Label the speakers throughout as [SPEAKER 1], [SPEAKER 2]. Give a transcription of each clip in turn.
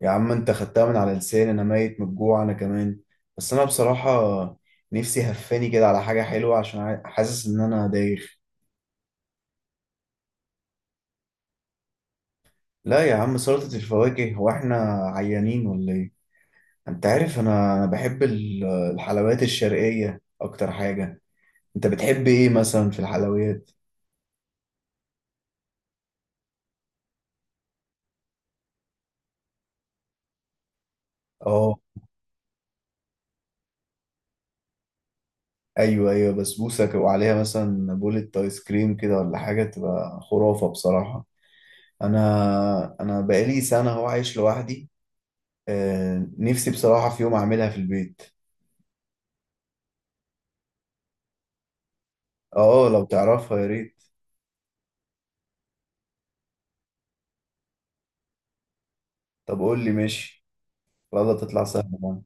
[SPEAKER 1] يا عم، انت خدتها من على لساني. انا ميت من الجوع انا كمان. بس انا بصراحة نفسي هفاني كده على حاجة حلوة عشان حاسس ان انا دايخ. لا يا عم، سلطة الفواكه، هو احنا عيانين ولا ايه؟ انت عارف انا بحب الحلويات الشرقية اكتر حاجة. انت بتحب ايه مثلا في الحلويات؟ اه، ايوه ايوه، بسبوسة وعليها مثلا بولة ايس كريم كده ولا حاجة، تبقى خرافة بصراحة. انا بقالي سنة هو عايش لوحدي. نفسي بصراحة في يوم أعملها في البيت. اه، لو تعرفها يا ريت. طب قول لي ماشي، والله تطلع سهلة بقى؟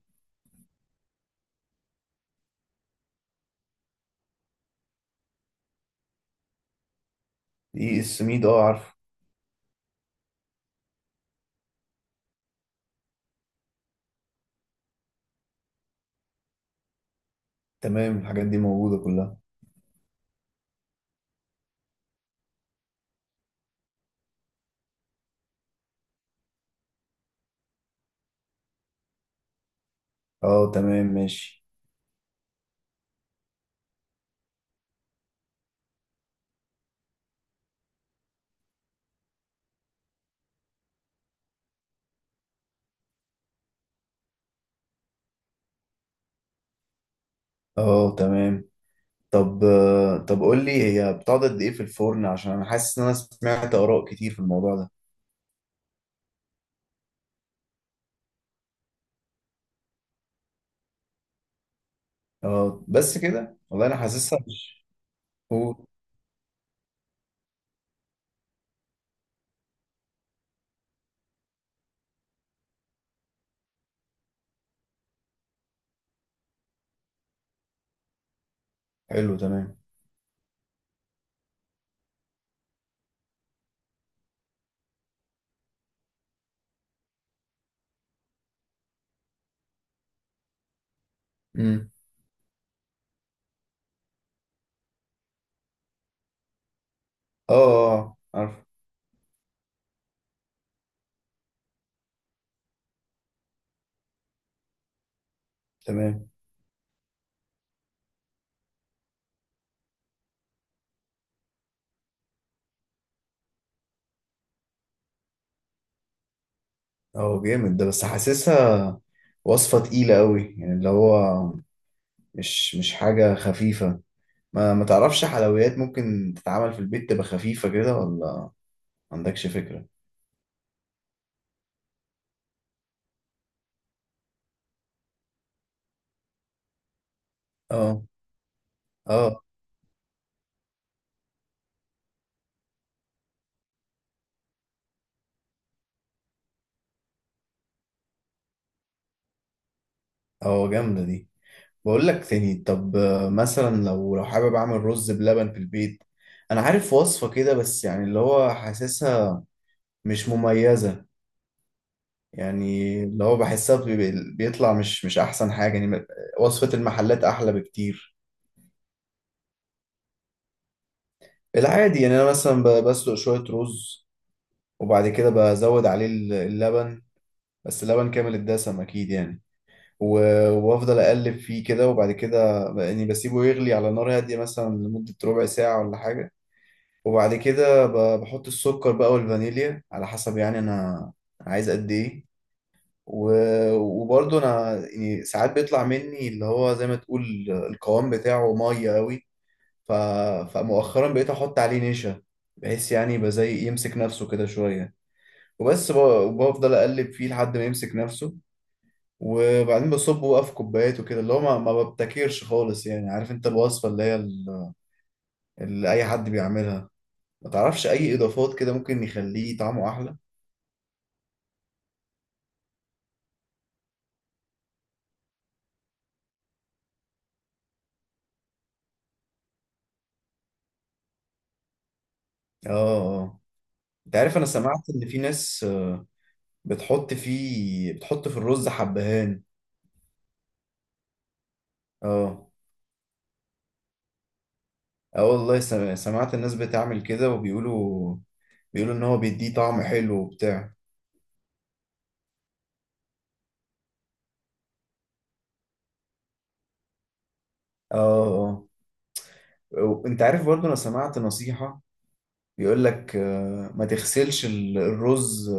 [SPEAKER 1] دقيق السميد، اه عارفه. تمام، الحاجات دي موجودة كلها. اه تمام ماشي. اه تمام. طب قول لي، هي بتقعد قد ايه في الفرن؟ عشان انا حاسس ان انا سمعت آراء كتير في الموضوع ده. اه بس كده، والله انا حاسسها مش. اوه. حلو تمام. امم. اه اه، عارفه. تمام. اه جامد ده، بس حاسسها وصفة تقيلة قوي، يعني اللي هو مش حاجة خفيفة. ما تعرفش حلويات ممكن تتعمل في البيت تبقى خفيفة كده، ولا ما عندكش فكرة؟ اه اه. اه جامدة دي. بقول لك تاني، طب مثلا لو حابب اعمل رز بلبن في البيت، انا عارف وصفة كده بس يعني اللي هو حاسسها مش مميزة. يعني اللي هو بحسها بيطلع مش احسن حاجة يعني، وصفة المحلات احلى بكتير. العادي يعني انا مثلا بسلق شوية رز، وبعد كده بزود عليه اللبن، بس لبن كامل الدسم اكيد يعني. وافضل اقلب فيه كده، وبعد كده يعني بسيبه يغلي على نار هاديه مثلا لمده ربع ساعه ولا حاجه. وبعد كده بحط السكر بقى والفانيليا على حسب يعني انا عايز قد ايه. وبرضه انا يعني ساعات بيطلع مني اللي هو زي ما تقول القوام بتاعه ميه قوي. ف... فمؤخرا بقيت احط عليه نشا، بحيث يعني يبقى زي يمسك نفسه كده شويه. وبس وبفضل اقلب فيه لحد ما يمسك نفسه. وبعدين بصبه بقى في كوبايات وكده، اللي هو ما ببتكرش خالص يعني. عارف انت الوصفة اللي هي اللي اي حد بيعملها، ما تعرفش اي اضافات كده ممكن يخليه طعمه احلى؟ اه اه. انت عارف انا سمعت ان في ناس، بتحط في الرز حبهان. اه اه. والله سمعت الناس بتعمل كده وبيقولوا. بيقولوا ان هو بيديه طعم حلو وبتاع. اه اه. وانت عارف برضو انا سمعت نصيحة، بيقول لك ما تغسلش الرز،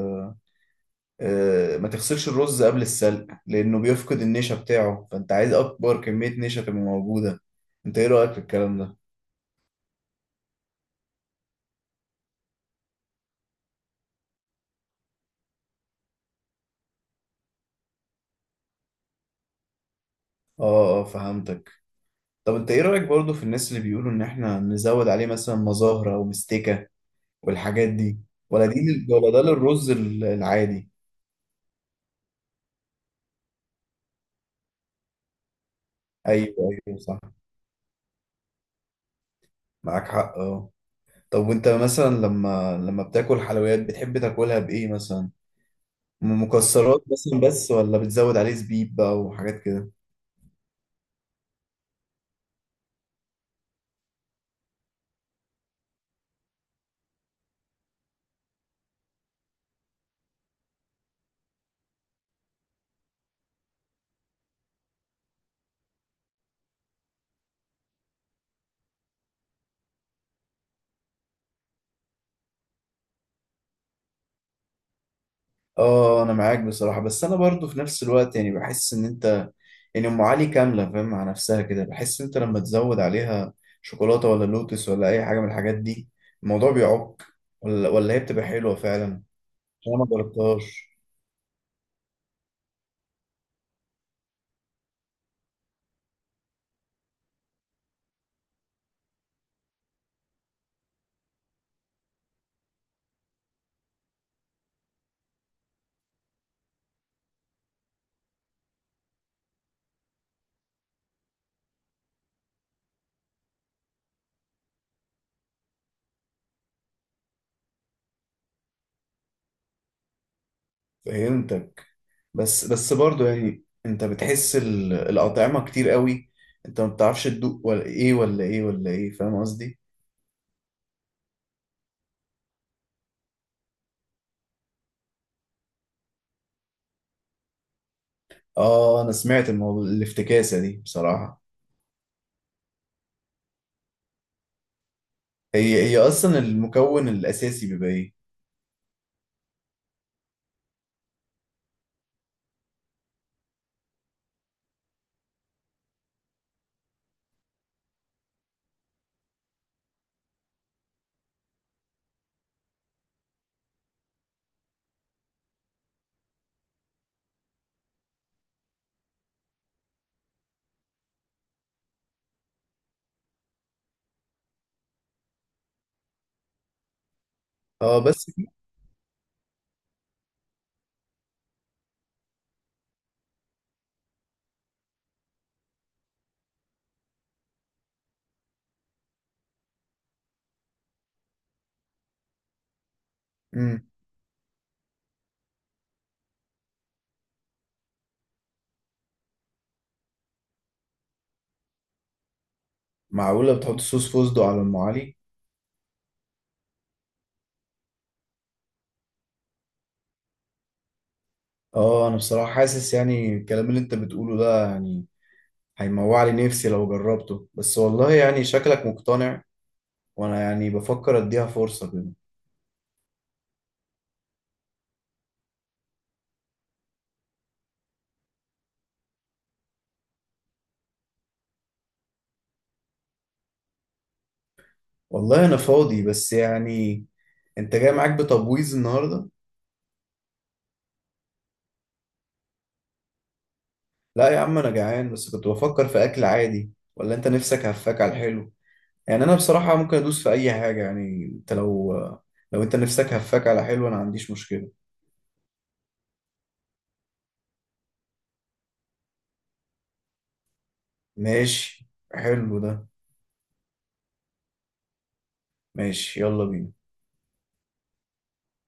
[SPEAKER 1] ما تغسلش الرز قبل السلق لأنه بيفقد النشا بتاعه، فأنت عايز أكبر كمية نشا تبقى موجودة. أنت إيه رأيك في الكلام ده؟ آه آه، فهمتك. طب أنت إيه رأيك برضو في الناس اللي بيقولوا إن إحنا نزود عليه مثلا مزهرة أو مستكة والحاجات دي؟ ولا دي ولا ده للرز العادي؟ أيوه أيوه، صح. معاك حق، آه. طب وأنت مثلا لما بتاكل حلويات بتحب تاكلها بإيه مثلا؟ مكسرات مثلا بس، ولا بتزود عليه زبيب بقى وحاجات كده؟ اه، انا معاك بصراحه. بس انا برضو في نفس الوقت يعني بحس ان انت، يعني ام علي كامله فاهم مع نفسها كده، بحس ان انت لما تزود عليها شوكولاته ولا لوتس ولا اي حاجه من الحاجات دي، الموضوع بيعك ولا هي بتبقى حلوه فعلا؟ عشان انا ما جربتهاش. فهمتك. بس برضو يعني انت بتحس الاطعمه كتير قوي، انت ما بتعرفش تدوق ولا ايه ولا ايه ولا ايه، فاهم قصدي؟ اه، انا سمعت الموضوع الافتكاسه دي بصراحه. هي اصلا المكون الاساسي بيبقى ايه؟ اه بس. مم. معقولة بتحط صوص فوسدو على ام علي؟ اه، انا بصراحة حاسس يعني الكلام اللي انت بتقوله ده يعني هيموع لي نفسي لو جربته، بس والله يعني شكلك مقتنع وانا يعني بفكر اديها فرصة كده. والله انا فاضي، بس يعني انت جاي معاك بتبويظ النهاردة. لا يا عم، انا جعان، بس كنت بفكر في اكل عادي، ولا انت نفسك هفاك على الحلو؟ يعني انا بصراحة ممكن ادوس في اي حاجة، يعني انت لو انت نفسك هفاك على حلو انا ما عنديش مشكلة. ماشي، حلو ده. ماشي، يلا بينا.